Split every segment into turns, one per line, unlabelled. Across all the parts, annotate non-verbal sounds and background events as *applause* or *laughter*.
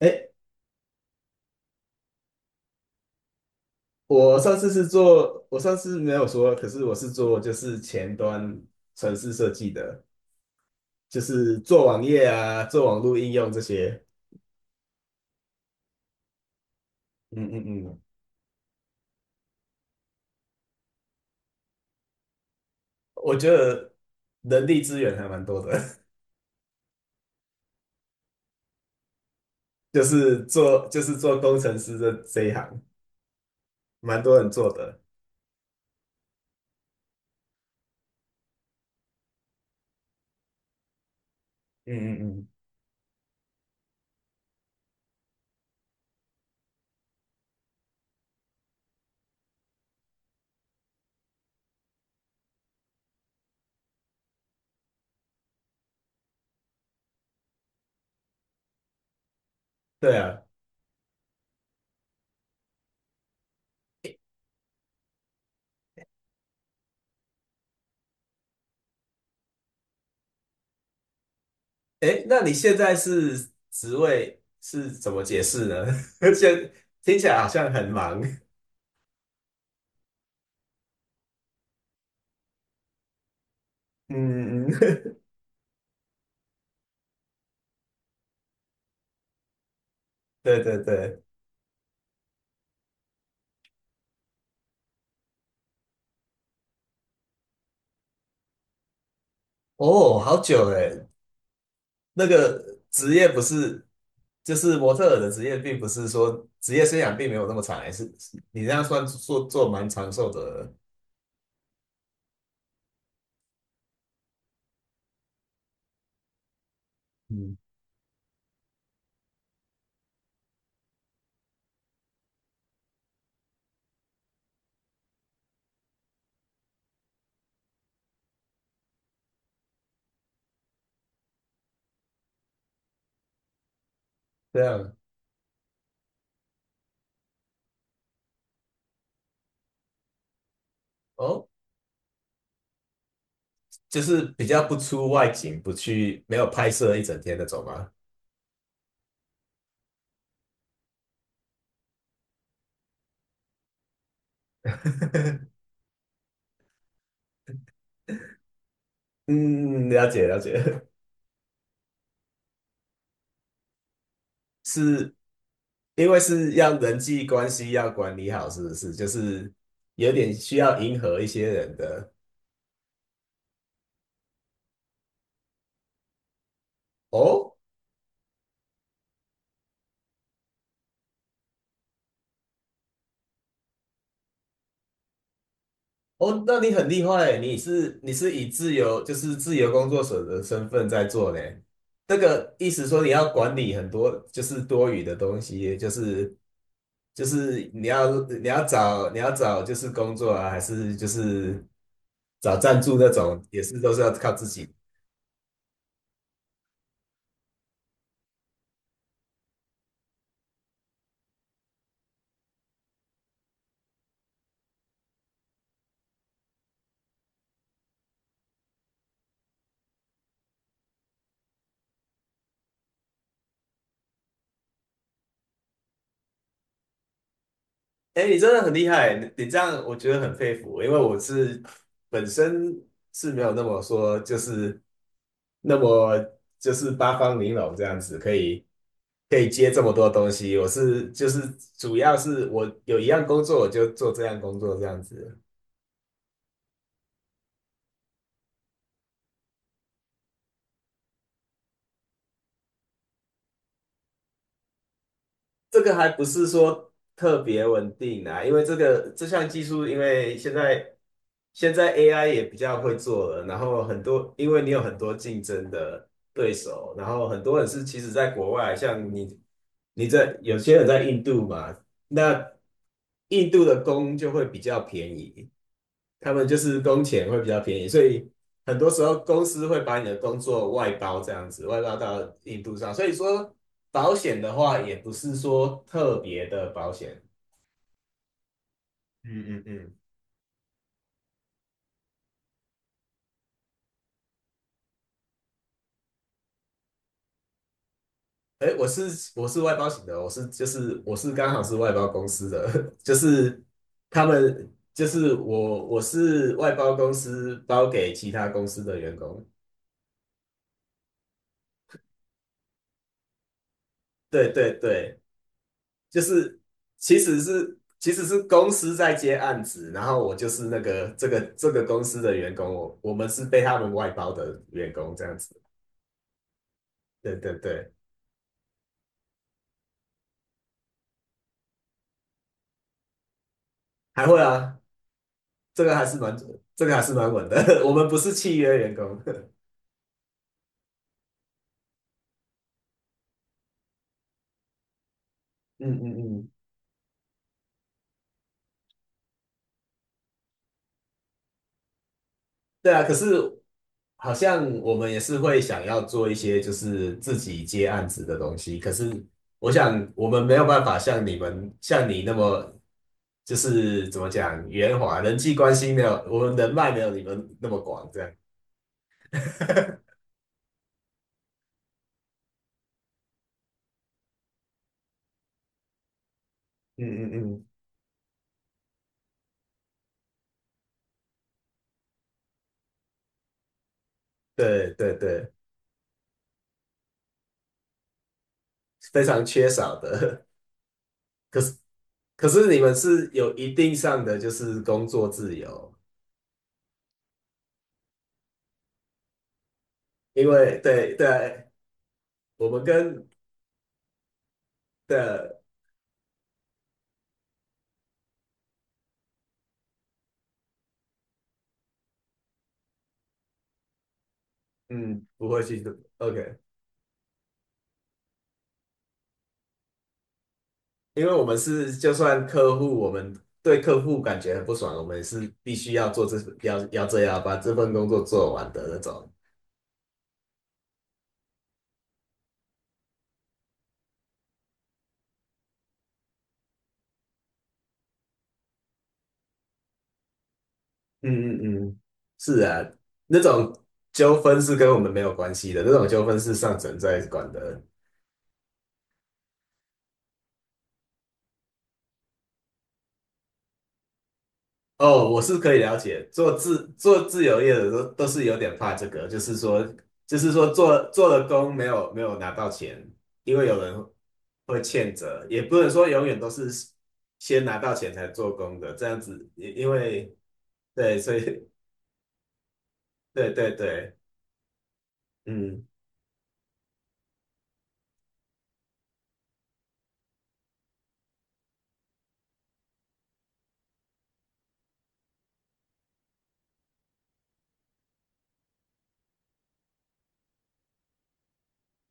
哎，我上次没有说，可是我是做就是前端城市设计的，就是做网页啊，做网络应用这些。嗯嗯嗯，我觉得人力资源还蛮多的，*laughs* 就是做工程师这一行，蛮多人做的。嗯嗯嗯，对啊。哎，那你现在是职位是怎么解释呢？*laughs* 现听起来好像很忙。嗯嗯，*laughs* 嗯对对对。哦，好久哎，那个职业不是，就是模特儿的职业，并不是说职业生涯并没有那么长，还是你这样算做蛮长寿的，嗯，这样哦，就是比较不出外景，不去没有拍摄一整天那种吗？*laughs* 嗯，了解了解，是因为是要人际关系要管理好，是不是？就是有点需要迎合一些人的哦，哦，那你很厉害，你是以自由就是自由工作者的身份在做呢。这个意思说你要管理很多就是多余的东西，就是你要找就是工作啊，还是就是找赞助那种，也是都是要靠自己哎，你真的很厉害，你这样我觉得很佩服，因为我是本身是没有那么说，就是那么就是八方玲珑这样子，可以接这么多东西。我是就是主要是我有一样工作，我就做这样工作这样子。这个还不是说特别稳定啊，因为这个这项技术，因为现在 AI 也比较会做了，然后很多因为你有很多竞争的对手，然后很多人是其实在国外，像你在有些人在印度嘛，那印度的工就会比较便宜，他们就是工钱会比较便宜，所以很多时候公司会把你的工作外包这样子，外包到印度上。所以说保险的话，也不是说特别的保险。嗯嗯嗯。哎，我是外包型的，我是就是我是刚好是外包公司的，*laughs* 就是他们就是我是外包公司包给其他公司的员工。对对对。就是其实是公司在接案子，然后我就是那个这个公司的员工，我们是被他们外包的员工这样子。对对对，还会啊，这个还是蛮这个还是蛮稳的，*laughs* 我们不是契约员工。*laughs* 嗯嗯嗯。对啊，可是好像我们也是会想要做一些就是自己接案子的东西，可是我想我们没有办法像你们像你那么就是怎么讲圆滑，人际关系没有我们人脉没有你们那么广这样。嗯嗯嗯，*laughs* 对对对，非常缺少的。*laughs* 可是可是你们是有一定上的就是工作自由，因为对对，我们跟的嗯不会去 OK。因为我们是就算客户，我们对客户感觉很不爽，我们是必须要做这要这样把这份工作做完的那种。嗯嗯嗯，是啊，那种纠纷是跟我们没有关系的，那种纠纷是上层在管的。哦，我是可以了解，做自由业的都是有点怕这个，就是说，就是说做了工没有拿到钱，因为有人会欠着，也不能说永远都是先拿到钱才做工的，这样子，因为对，所以 *laughs* 对对对，嗯，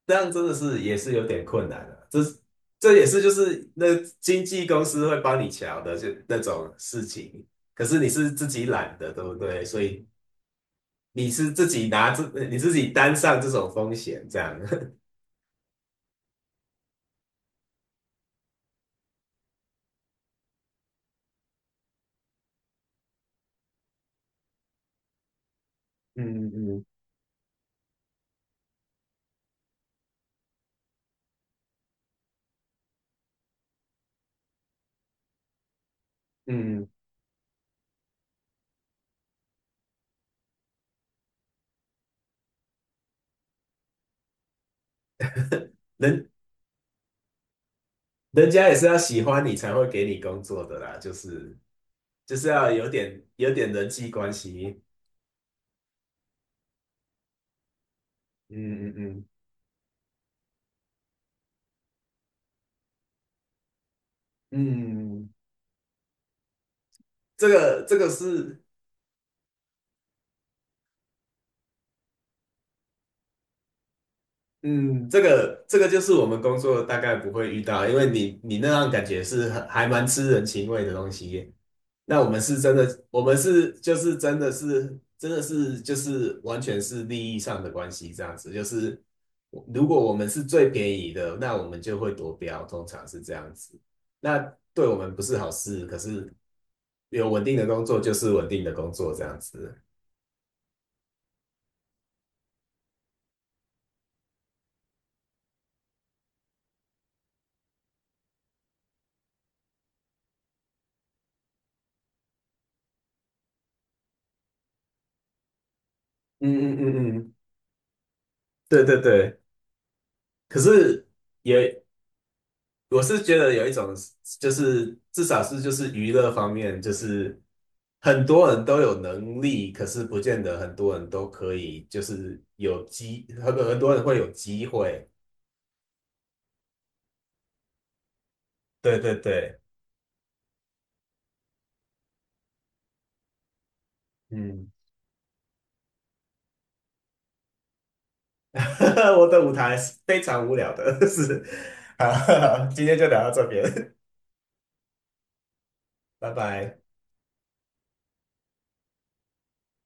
这样真的是也是有点困难的，这也是就是那经纪公司会帮你瞧的，就那种事情，可是你是自己懒的，对不对？所以。你是自己拿这，你自己担上这种风险，这样，*laughs* 嗯嗯嗯，*laughs* 人人家也是要喜欢你才会给你工作的啦，就是要有点人际关系，嗯嗯嗯嗯，这个这个是这个就是我们工作大概不会遇到，因为你那样感觉是很还蛮吃人情味的东西。那我们是真的，我们是就是真的是就是完全是利益上的关系这样子，就是如果我们是最便宜的，那我们就会夺标，通常是这样子。那对我们不是好事，可是有稳定的工作就是稳定的工作这样子。嗯嗯嗯嗯，对对对，可是。也我是觉得有一种，就是至少是就是娱乐方面，就是很多人都有能力，可是不见得很多人都可以，就是有机，很多人会有机会。对对对，嗯，*laughs* 我的舞台是非常无聊的，*laughs* 是。好，*laughs* 今天就聊到这边，*laughs* 拜拜。